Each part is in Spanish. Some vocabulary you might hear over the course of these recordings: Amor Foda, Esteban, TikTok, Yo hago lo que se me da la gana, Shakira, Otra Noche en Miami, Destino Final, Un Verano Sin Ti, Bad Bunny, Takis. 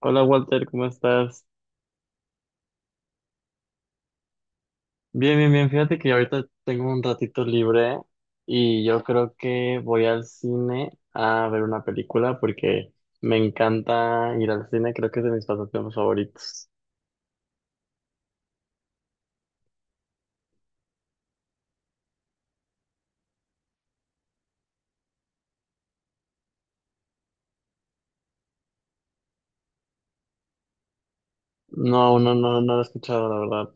Hola Walter, ¿cómo estás? Bien, bien, bien. Fíjate que ahorita tengo un ratito libre y yo creo que voy al cine a ver una película porque me encanta ir al cine, creo que es de mis pasatiempos favoritos. No, no, no, no lo he escuchado, la verdad.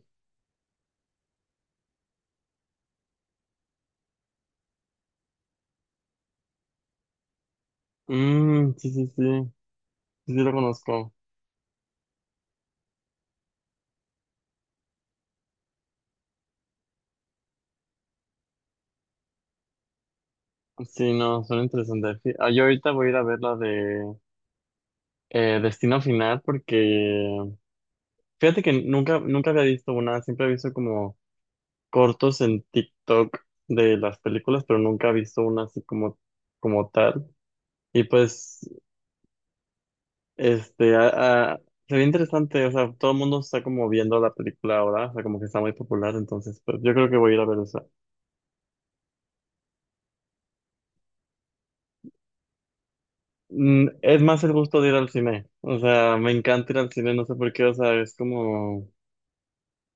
Mm, sí, sí, sí, sí, sí lo conozco. Sí, no, son interesantes. Yo ahorita voy a ir a ver la de Destino Final porque fíjate que nunca, nunca había visto una, siempre he visto como cortos en TikTok de las películas, pero nunca he visto una así como, como tal. Y pues, este, a- a- se ve interesante, o sea, todo el mundo está como viendo la película ahora, o sea, como que está muy popular, entonces, pues yo creo que voy a ir a ver esa. Mm, es más el gusto de ir al cine, o sea, me encanta ir al cine, no sé por qué, o sea, es como...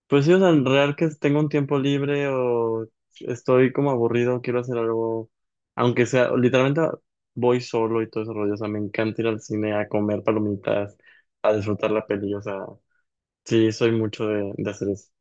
Pues sí, o sea, en real que tengo un tiempo libre o estoy como aburrido, quiero hacer algo, aunque sea, literalmente voy solo y todo ese rollo, o sea, me encanta ir al cine a comer palomitas, a disfrutar la peli, o sea, sí, soy mucho de hacer eso.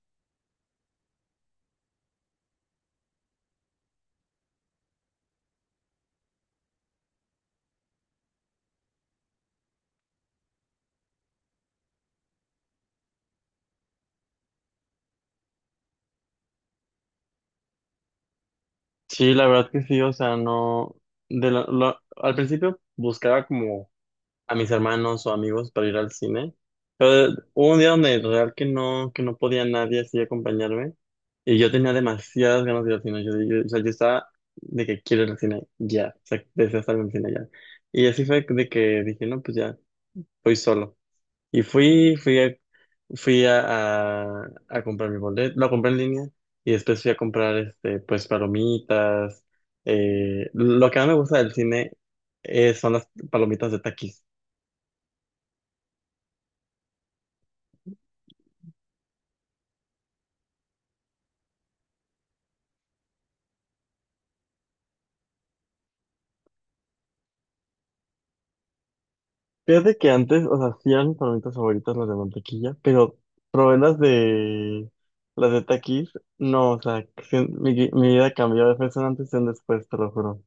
Sí, la verdad que sí, o sea, no, al principio buscaba como a mis hermanos o amigos para ir al cine. Pero hubo un día donde real que no podía nadie así acompañarme y yo tenía demasiadas ganas de ir al cine. O sea, yo estaba de que quiero ir al cine ya, o sea, deseo estar en el cine ya. Y así fue de que dije, no, pues ya, voy solo. Y fui a, a comprar mi boleto, lo compré en línea y después fui a comprar, pues, palomitas. Lo que más me gusta del cine son las palomitas de takis. Fíjate que antes, o sea, hacían palomitas favoritas las de mantequilla, pero probé las de Takis. No, o sea, que si- mi vida cambió de persona antes y un después, te lo juro.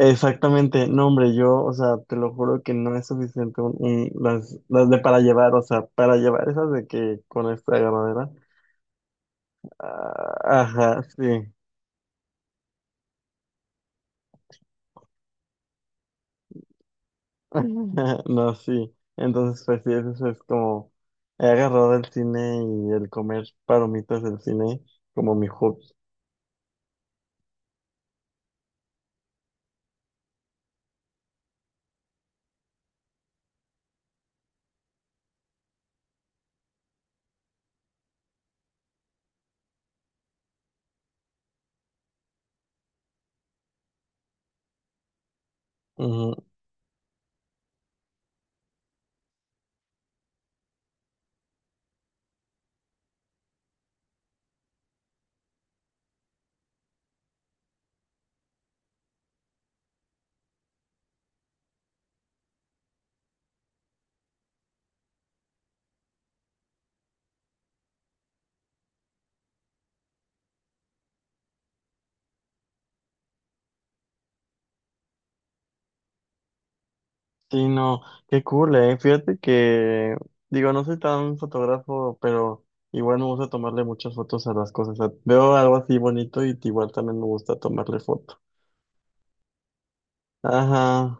Exactamente, no, hombre, yo, o sea, te lo juro que no es suficiente las de para llevar, o sea, para llevar esas de que con esta agarradera. Ah, ajá, sí. No, sí. Entonces, pues sí, eso es como he agarrado el cine y el comer palomitas del cine como mi hobby. Ujú. Sí, no, qué cool, eh. Fíjate que, digo, no soy tan fotógrafo, pero igual me gusta tomarle muchas fotos a las cosas. O sea, veo algo así bonito y igual también me gusta tomarle foto. Ajá.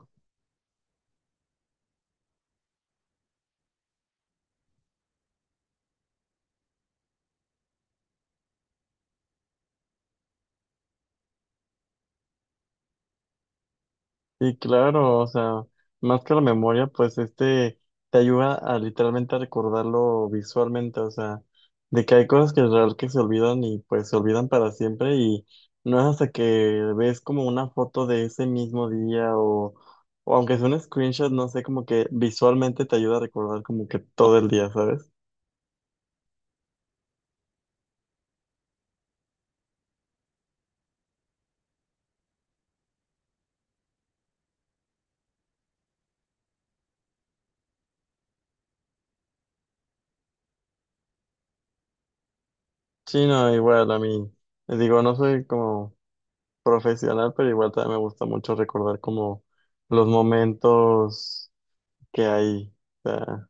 Y claro, o sea, más que la memoria, pues te ayuda a literalmente a recordarlo visualmente, o sea, de que hay cosas que es real que se olvidan y pues se olvidan para siempre y no es hasta que ves como una foto de ese mismo día o aunque sea un screenshot, no sé, como que visualmente te ayuda a recordar como que todo el día, ¿sabes? Sí, no, igual a mí, les digo, no soy como profesional, pero igual también me gusta mucho recordar como los momentos que hay. O sea,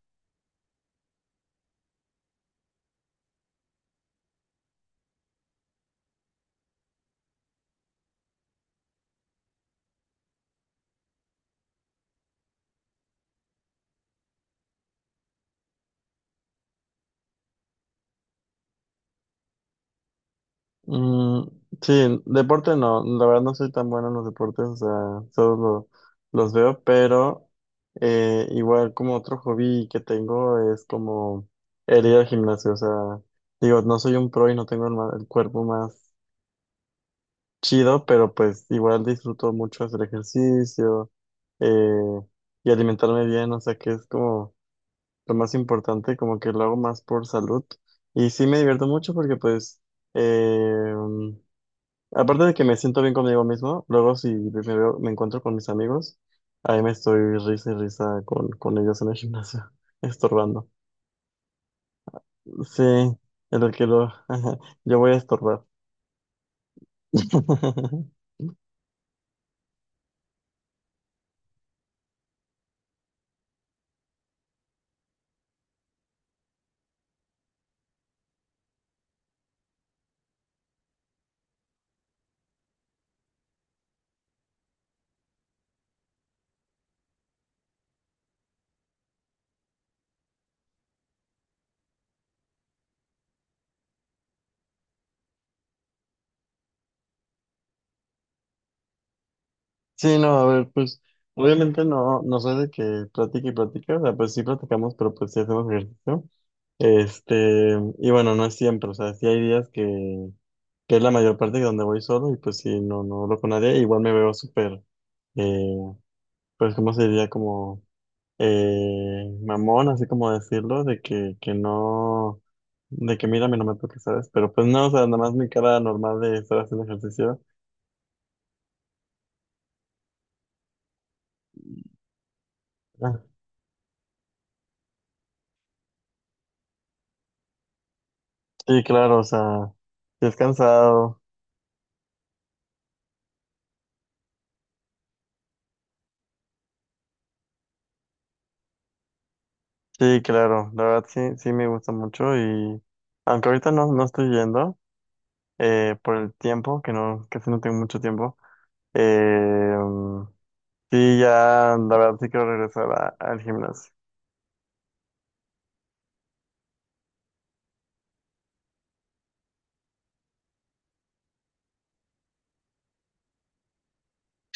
mm, sí, deporte no, la verdad no soy tan bueno en los deportes, o sea, solo los veo, pero igual como otro hobby que tengo es como el ir al gimnasio, o sea, digo, no soy un pro y no tengo el cuerpo más chido, pero pues igual disfruto mucho hacer ejercicio eh, y alimentarme bien, o sea que es como... lo más importante, como que lo hago más por salud. Y sí me divierto mucho porque pues, eh, aparte de que me siento bien conmigo mismo, luego si me veo- me encuentro con mis amigos, ahí me estoy risa y risa con ellos en el gimnasio, estorbando. Sí, en el que lo, yo voy a estorbar. Sí, no, a ver, pues obviamente no, no soy de que platique y platique, o sea, pues sí platicamos, pero pues sí hacemos ejercicio. Este, y bueno, no es siempre, o sea, sí hay días que es la mayor parte de donde voy solo y pues sí, no, no hablo con nadie, igual me veo súper, eh, pues cómo se diría, como mamón, así como decirlo, de que no, de que mírame, no me toques, ¿sabes? Pero pues no, o sea, nada más mi cara normal de estar haciendo ejercicio. Ah, sí, claro, o sea, sí es cansado, sí, claro, la verdad sí, sí me gusta mucho y aunque ahorita no, no estoy yendo, por el tiempo, que no, casi no tengo mucho tiempo, eh, sí, ya, la verdad sí quiero regresar al gimnasio.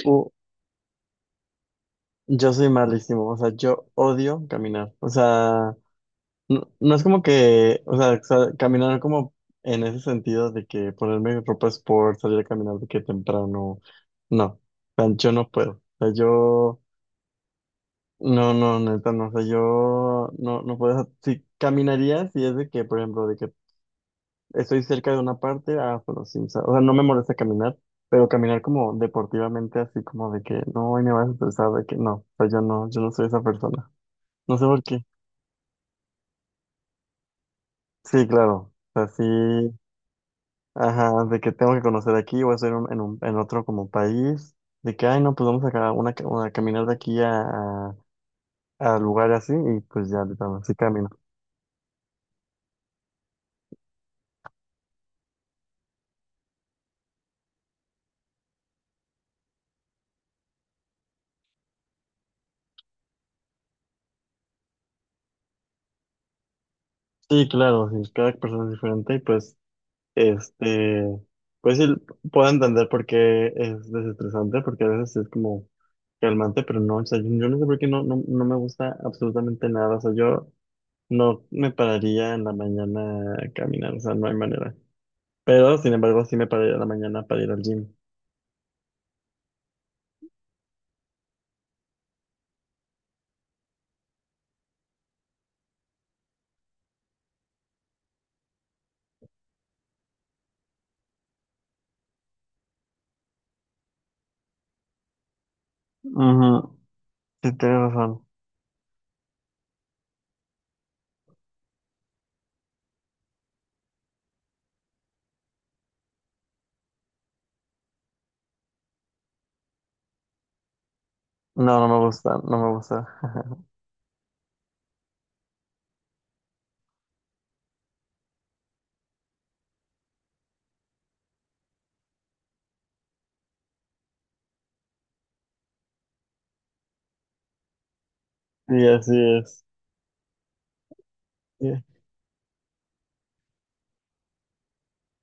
Uh, yo soy malísimo, o sea, yo odio caminar. O sea, no, no es como que, o sea, caminar como en ese sentido de que ponerme ropa sport, salir a caminar de que temprano, no, tan yo no puedo. O sea, yo, no, no, neta, no, o sea, yo no, no puedo, o sea, si caminaría, si es de que, por ejemplo, de que estoy cerca de una parte, ah, bueno, sí, o sea, no me molesta caminar, pero caminar como deportivamente, así como de que no, hoy me vas a estresar, de que no, o sea, yo no, yo no soy esa persona. No sé por qué. Sí, claro, o sea, sí, ajá, de que tengo que conocer aquí, voy a hacer en otro como país, de que, ay, no, pues vamos a, a caminar de aquí a lugar así, y pues ya, de plano, así camino. Sí, claro, sí, cada persona es diferente, y pues. Este, pues sí, puedo entender por qué es desestresante, porque a veces es como calmante, pero no, o sea, yo no sé por qué no, no, no me gusta absolutamente nada, o sea, yo no me pararía en la mañana a caminar, o sea, no hay manera. Pero, sin embargo, sí me pararía en la mañana para ir al gym. Ujú, sí, tienes razón. No, no me gusta, no me gusta. Sí, así es. Sí,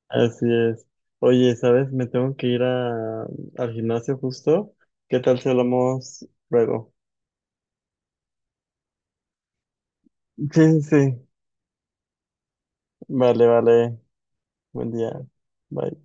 así es. Oye, ¿sabes? Me tengo que ir a, al gimnasio justo. ¿Qué tal si hablamos luego? Sí, sí, sí. Vale, vale. Buen día. Bye.